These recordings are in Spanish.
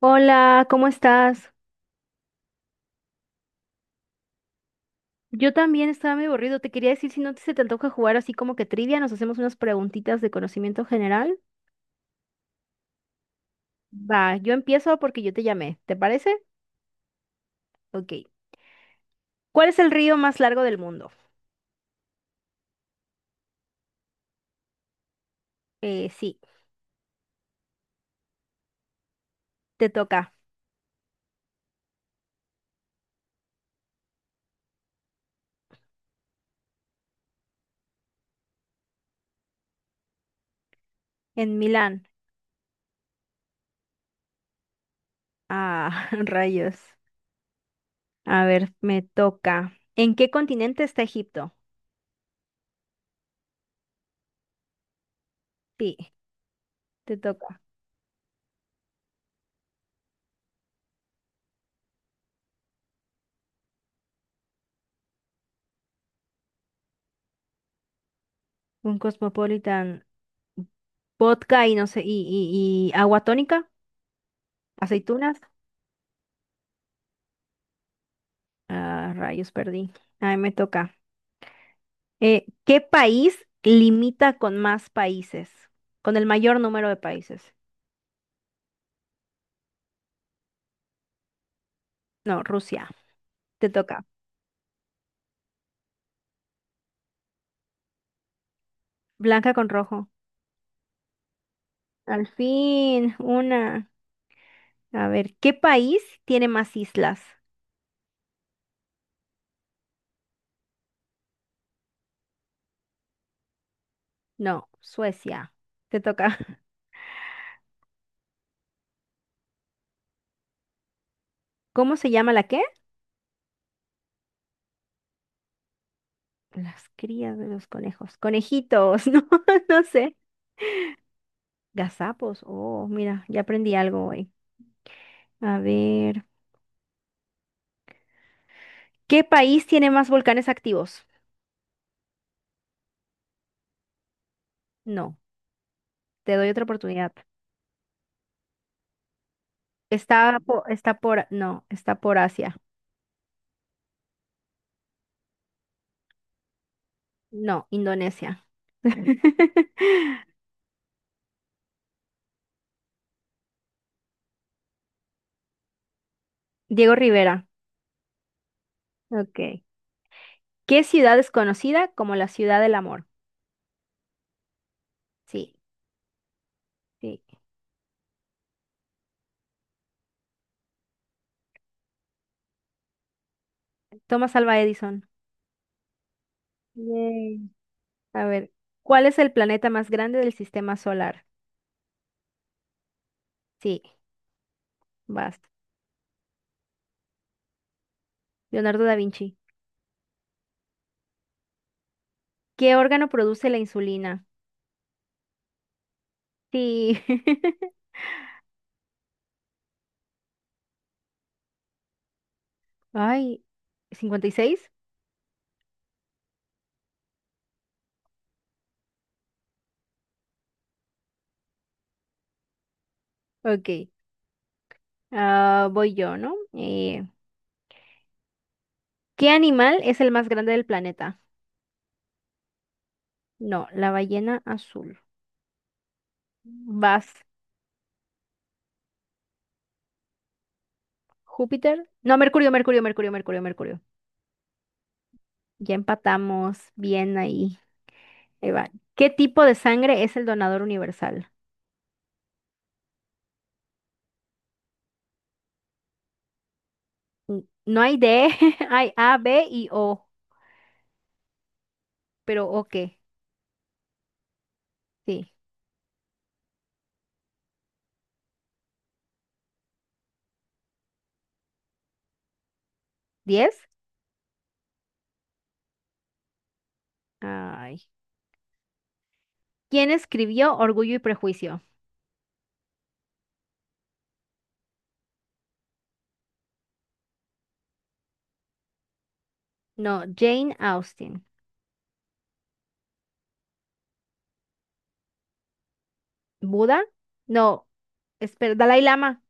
Hola, ¿cómo estás? Yo también estaba medio aburrido. Te quería decir si no se te antoja jugar así como que trivia, nos hacemos unas preguntitas de conocimiento general. Va, yo empiezo porque yo te llamé. ¿Te parece? Ok. ¿Cuál es el río más largo del mundo? Sí, te toca. En Milán. Ah, rayos. A ver, me toca. ¿En qué continente está Egipto? Sí, te toca. Un cosmopolitan. Vodka y no sé, y agua tónica, aceitunas. Ah, rayos, perdí. Ahí me toca. ¿Qué país limita con más países? Con el mayor número de países. No, Rusia. Te toca. Blanca con rojo. Al fin, una. A ver, ¿qué país tiene más islas? No, Suecia. Te toca. ¿Cómo se llama la qué? Las crías de los conejos. Conejitos, no, no sé. Gazapos. Oh, mira, ya aprendí algo hoy. A ver, ¿qué país tiene más volcanes activos? No. Te doy otra oportunidad. Está por, está por, no, está por Asia. No, Indonesia. Diego Rivera. Ok. ¿Qué ciudad es conocida como la ciudad del amor? Sí, sí. Thomas Alva Edison. Yay. A ver, ¿cuál es el planeta más grande del sistema solar? Sí, basta. Leonardo da Vinci. ¿Qué órgano produce la insulina? Sí. Ay, 56. Ok. Ah, voy yo, ¿no? ¿Qué animal es el más grande del planeta? No, la ballena azul. Vas, Júpiter. No, Mercurio, Mercurio, Mercurio, Mercurio, Mercurio. Ya empatamos. Bien ahí. Ahí va. ¿Qué tipo de sangre es el donador universal? Mm, No hay D, hay A, B y O. Pero O qué. Sí. ¿Diez? Ay. ¿Quién escribió Orgullo y Prejuicio? No, Jane Austen. ¿Buda? No. Espera, Dalai Lama.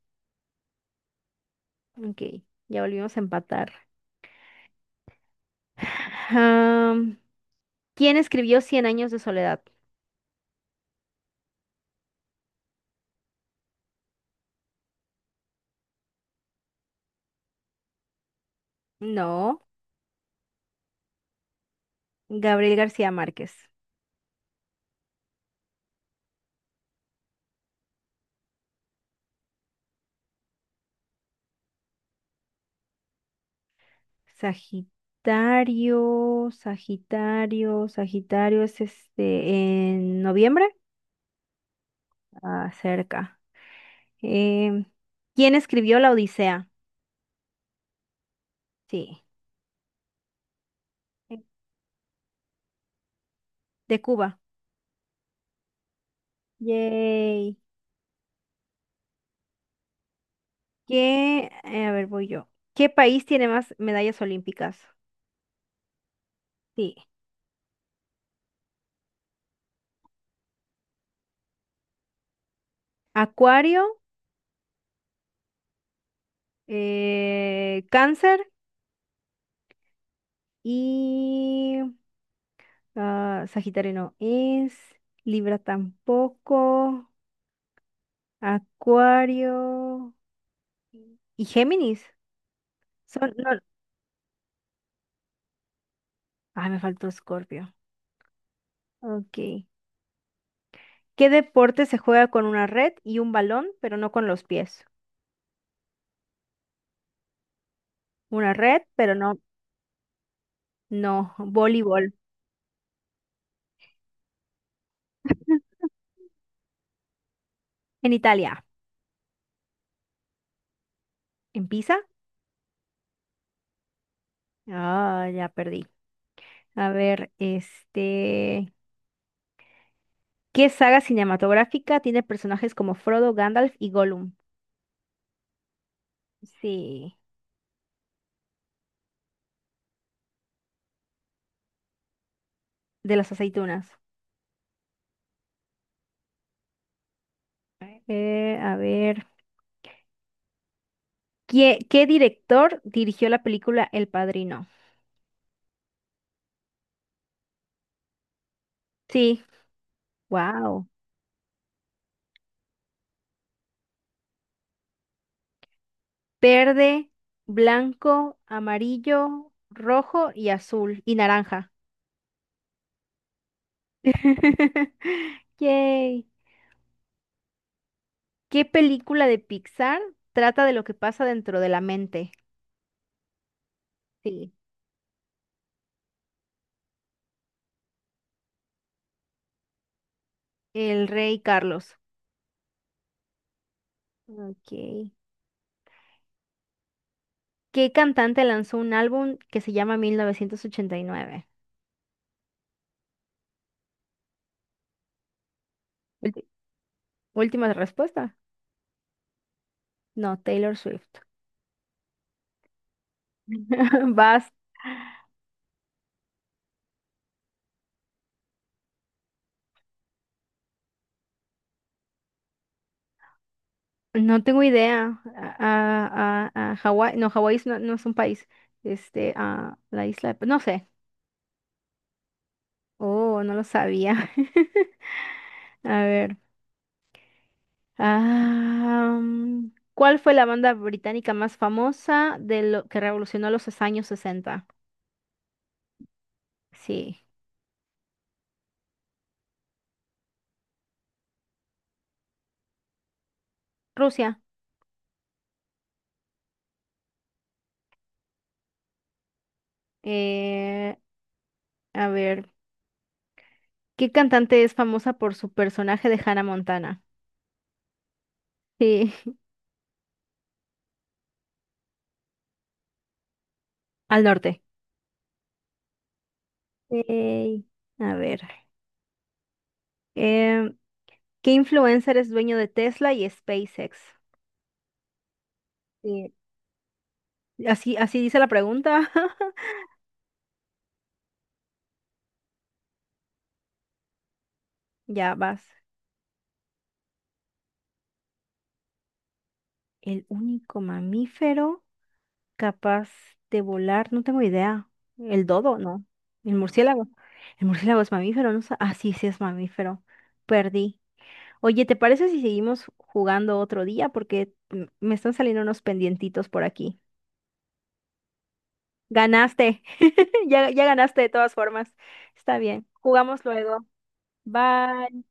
Ok, ya volvimos a empatar. Am, ¿Quién escribió Cien años de soledad? No, Gabriel García Márquez. Sagitario, Sagitario, Sagitario es este en noviembre, ah, cerca. Em, ¿Quién escribió La Odisea? Sí, eh, de Cuba. Yay. ¿Qué? A ver, voy yo. ¿Qué país tiene más medallas olímpicas? Sí. Acuario, Cáncer y ah, Sagitario no es, Libra tampoco, Acuario y Géminis. Son, no, ah, me faltó Escorpio. Ok. ¿Qué deporte se juega con una red y un balón, pero no con los pies? Una red, pero no, no, voleibol. En Italia, en Pisa. Ah, ya perdí. A ver, este, ¿qué saga cinematográfica tiene personajes como Frodo, Gandalf y Gollum? Sí, de las aceitunas. A ver, ¿qué director dirigió la película El Padrino? Sí, wow. Verde, blanco, amarillo, rojo y azul y naranja. Yay. ¿Qué película de Pixar trata de lo que pasa dentro de la mente? Sí, El Rey Carlos. Ok. ¿Qué cantante lanzó un álbum que se llama 1989? Ulti- Última respuesta. No, Taylor Swift. Vas. No tengo idea. A Hawái, no, Hawái no, no es un país. Este, a la isla, no sé. Oh, no lo sabía. A ver. Ah, ¿cuál fue la banda británica más famosa de lo que revolucionó los años sesenta? Sí, Rusia. Eh, a ver, ¿qué cantante es famosa por su personaje de Hannah Montana? Sí, al norte. Ey, a ver. em, ¿Qué influencer es dueño de Tesla y SpaceX? Sí. Así, así dice la pregunta. Ya vas. El único mamífero capaz de volar, no tengo idea. El dodo, no. El murciélago. El murciélago es mamífero, ¿no? Ah, sí, sí es mamífero. Perdí. Oye, ¿te parece si seguimos jugando otro día? Porque me están saliendo unos pendientitos por aquí. Ganaste. Ya, ya ganaste de todas formas. Está bien. Jugamos luego. Bye.